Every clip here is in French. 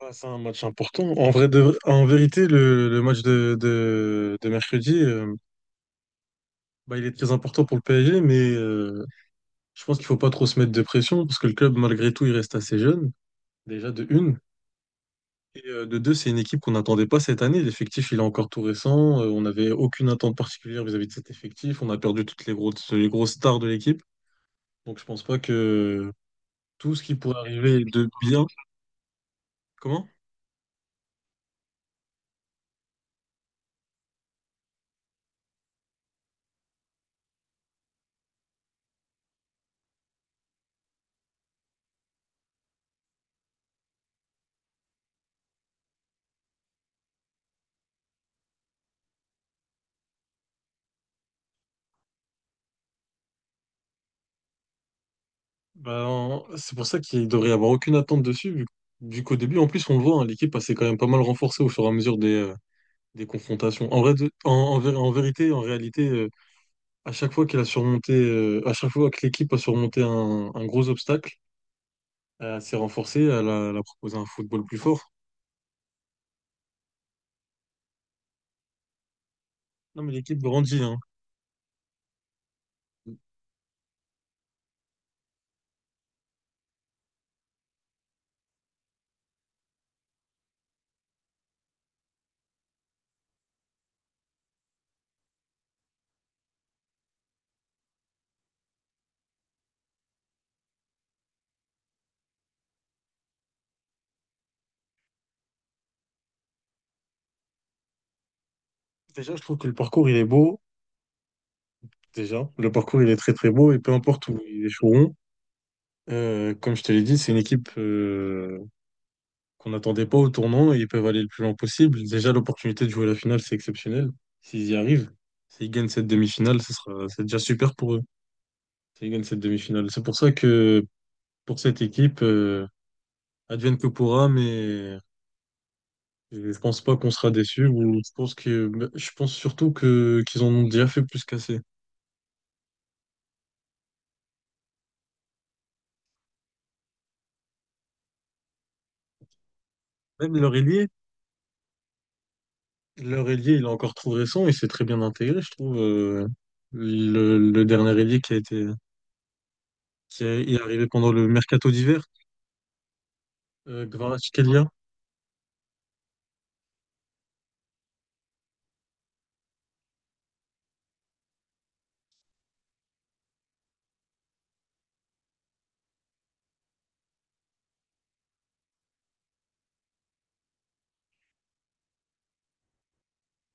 Ah, c'est un match important. En vérité, le match de mercredi, bah, il est très important pour le PSG, mais je pense qu'il faut pas trop se mettre de pression parce que le club, malgré tout, il reste assez jeune, déjà de une. Et de deux, c'est une équipe qu'on n'attendait pas cette année. L'effectif, il est encore tout récent. On n'avait aucune attente particulière vis-à-vis de cet effectif. On a perdu toutes les grosses stars de l'équipe. Donc je pense pas que tout ce qui pourrait arriver de bien. Comment? Bah, c'est pour ça qu'il devrait y avoir aucune attente dessus, vu, vu qu'au début, en plus, on le voit, hein, l'équipe elle s'est quand même pas mal renforcée au fur et à mesure des confrontations. En vrai, de- en, en vé- en vérité, en réalité, à chaque fois qu'elle a surmonté, à chaque fois que l'équipe a surmonté un gros obstacle, elle s'est renforcée, elle a proposé un football plus fort. Non, mais l'équipe grandit, hein. Déjà, je trouve que le parcours, il est beau. Déjà, le parcours, il est très très beau et peu importe où ils échoueront. Comme je te l'ai dit, c'est une équipe. Qu'on n'attendait pas au tournant et ils peuvent aller le plus loin possible. Déjà, l'opportunité de jouer la finale, c'est exceptionnel. S'ils y arrivent, s'ils gagnent cette demi-finale, c'est déjà super pour eux. S'ils gagnent cette demi-finale. C'est pour ça que pour cette équipe, advienne que pourra, mais je pense pas qu'on sera déçu ou je pense que, bah, je pense surtout que, qu'ils en ont déjà fait plus qu'assez. Même leur ailier, il est encore trop récent, et s'est très bien intégré, je trouve. Le dernier ailier qui est arrivé pendant le mercato d'hiver, euh,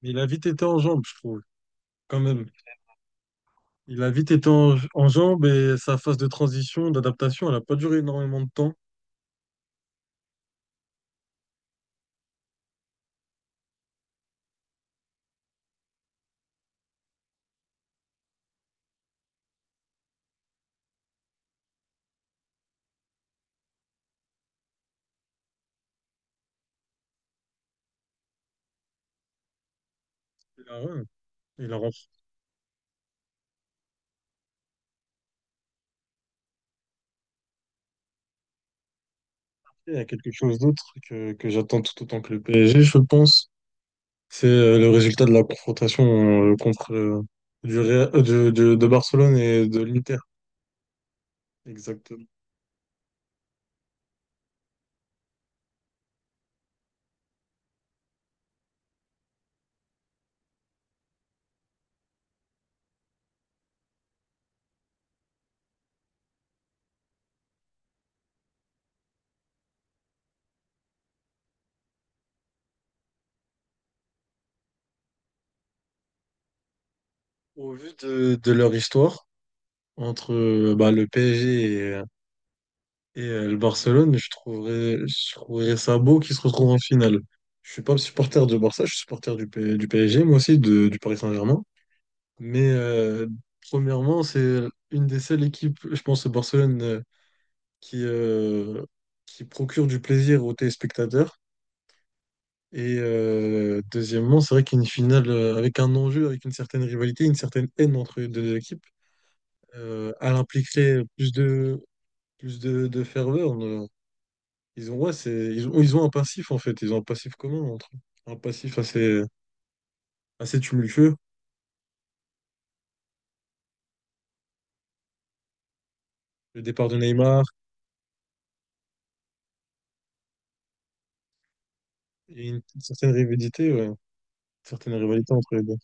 mais il a vite été en jambes, je trouve, quand même. Il a vite été en jambes et sa phase de transition, d'adaptation, elle n'a pas duré énormément de temps. Il a, ouais, il a renforcé à quelque chose d'autre que j'attends tout autant que le PSG, je pense. C'est le résultat de la confrontation contre du Real- de Barcelone et de l'Inter. Exactement. Au vu de leur histoire entre bah, le PSG et le Barcelone, je trouverais ça beau qu'ils se retrouvent en finale. Je suis pas supporter de Barça, je suis supporter du PSG, moi aussi, du Paris Saint-Germain. Mais premièrement, c'est une des seules équipes, je pense, au Barcelone, qui, euh, qui procure du plaisir aux téléspectateurs. Et deuxièmement, c'est vrai qu'une finale avec un enjeu, avec une certaine rivalité, une certaine haine entre les deux équipes, elle impliquerait plus de ferveur. Ils ont, ouais, c'est, ils ont un passif en fait, ils ont un passif commun entre eux. Un passif assez, assez tumultueux. Le départ de Neymar et une, certaine rivalité, ouais. Une certaine rivalité entre les deux.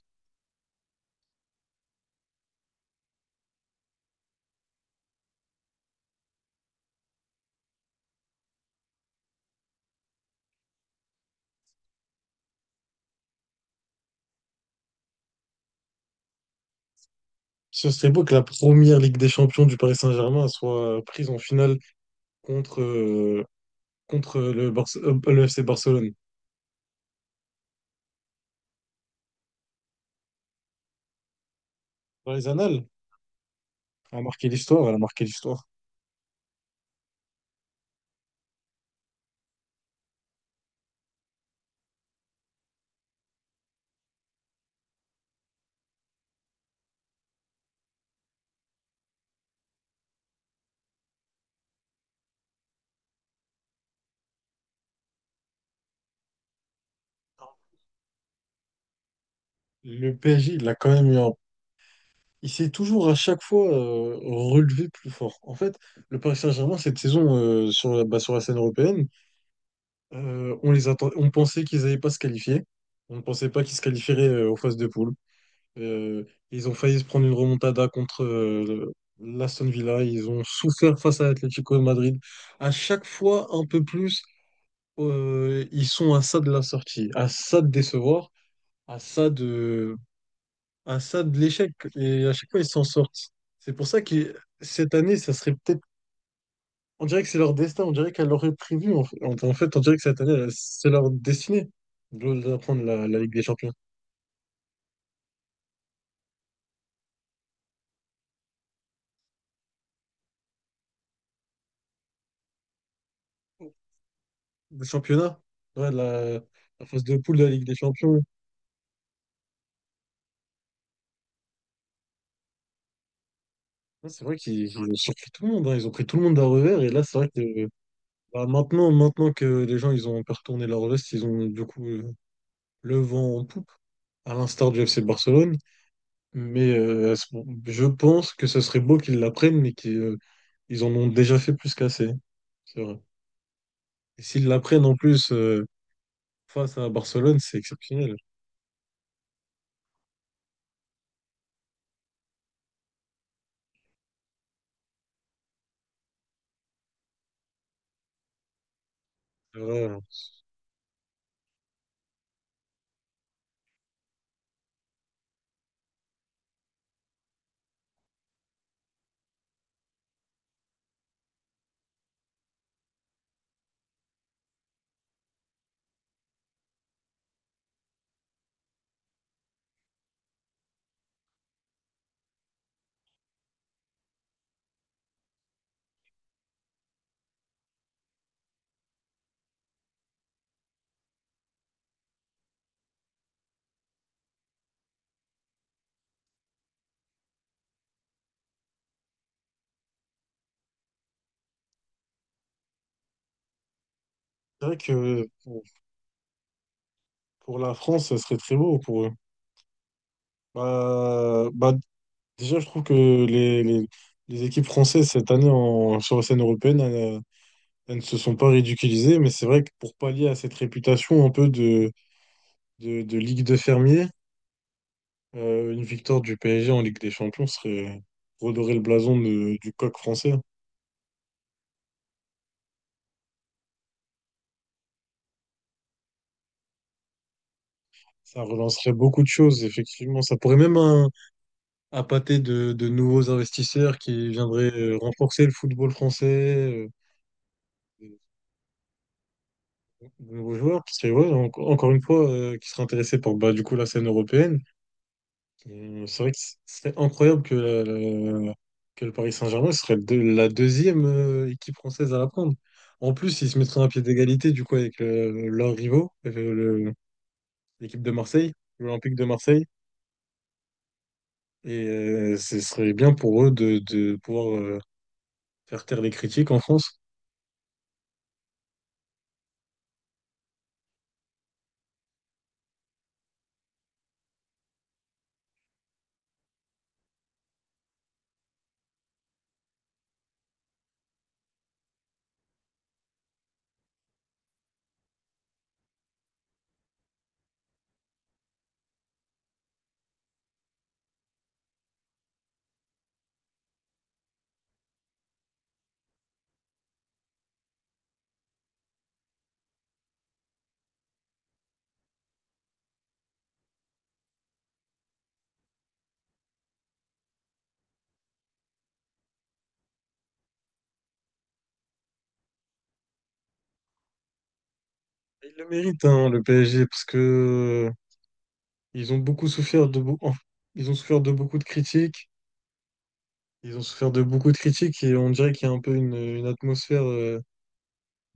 Ce serait beau que la première Ligue des Champions du Paris Saint-Germain soit prise en finale contre, contre le FC Barcelone. Dans les annales, elle a marqué l'histoire, elle a marqué l'histoire. Le PSG, il a quand même eu un... Il s'est toujours à chaque fois relevé plus fort. En fait, le Paris Saint-Germain, cette saison, sur la, bah, sur la scène européenne, On pensait qu'ils n'allaient pas se qualifier. On ne pensait pas qu'ils se qualifieraient aux phases de poule. Euh, Ils ont failli se prendre une remontada contre l'Aston Villa. Ils ont souffert face à l'Atlético de Madrid. À chaque fois, un peu plus, ils sont à ça de la sortie, à ça de décevoir, à ça de, à ça de l'échec. Et à chaque fois, ils s'en sortent. C'est pour ça que cette année, ça serait peut-être on dirait que c'est leur destin, on dirait qu'elle l'aurait prévu. En fait, en fait, on dirait que cette année, c'est leur destinée de prendre la, la Ligue des Champions. Le championnat, ouais, la phase de poule de la Ligue des Champions. Ouais, c'est vrai qu'ils ils ont surpris tout le monde, hein. Ils ont pris tout le monde à revers. Et là, c'est vrai que bah, maintenant, maintenant que les gens ils ont un peu retourné leur veste, ils ont du coup le vent en poupe, à l'instar du FC Barcelone. Mais je pense que ce serait beau qu'ils l'apprennent, mais qu'ils ils en ont déjà fait plus qu'assez. C'est vrai. Et s'ils l'apprennent en plus. Face à Barcelone, c'est exceptionnel. Ouais. C'est vrai que pour la France, ça serait très beau pour eux. Bah, bah, déjà, je trouve que les, les, les équipes françaises cette année en, sur la scène européenne, elles, elles ne se sont pas ridiculisées, mais c'est vrai que pour pallier à cette réputation un peu de, de Ligue de fermiers, une victoire du PSG en Ligue des Champions serait redorer le blason du coq français. Ça relancerait beaucoup de choses, effectivement. Ça pourrait même appâter de nouveaux investisseurs qui viendraient renforcer le football français, de nouveaux joueurs, qui seraient ouais, encore une fois, qui seraient intéressés par bah, du coup, la scène européenne. C'est vrai que ce serait incroyable que, la- que le Paris Saint-Germain serait de, la deuxième équipe française à la prendre. En plus, ils se mettraient à pied d'égalité du coup avec leurs rivaux, l'équipe de Marseille, l'Olympique de Marseille. Et ce serait bien pour eux de pouvoir faire taire les critiques en France. Il le mérite hein, le PSG, parce que ils ont beaucoup souffert enfin, ils ont souffert de beaucoup de critiques. Ils ont souffert de beaucoup de critiques et on dirait qu'il y a un peu une atmosphère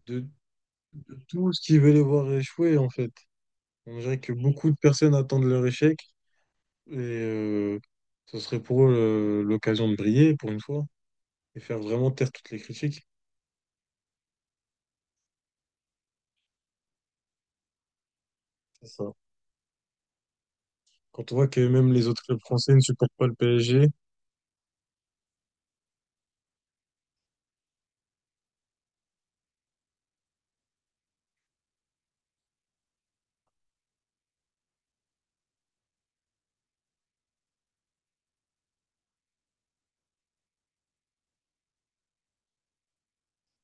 de, de tous qui veulent les voir échouer, en fait. On dirait que beaucoup de personnes attendent leur échec et ce serait pour eux l'occasion de briller pour une fois et faire vraiment taire toutes les critiques. C'est ça. Quand on voit que même les autres clubs français ne supportent pas le PSG,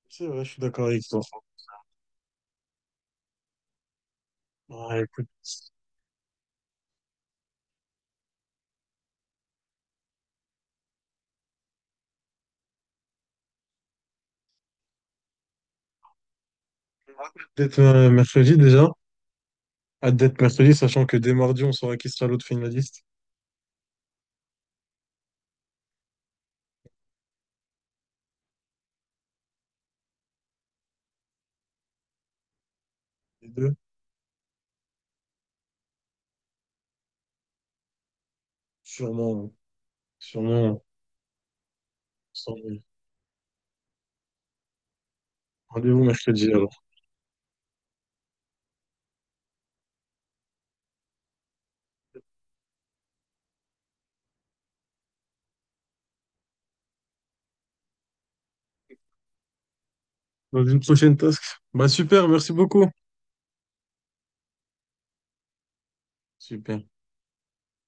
c'est vrai, je suis d'accord avec toi. Ouais, écoute, peut-être mercredi déjà. Hâte d'être mercredi, sachant que dès mardi, on saura qui sera l'autre finaliste. Les deux. Sûrement, sûrement. Sans- Rendez-vous mercredi alors. Dans une prochaine task. Bah super, merci beaucoup. Super.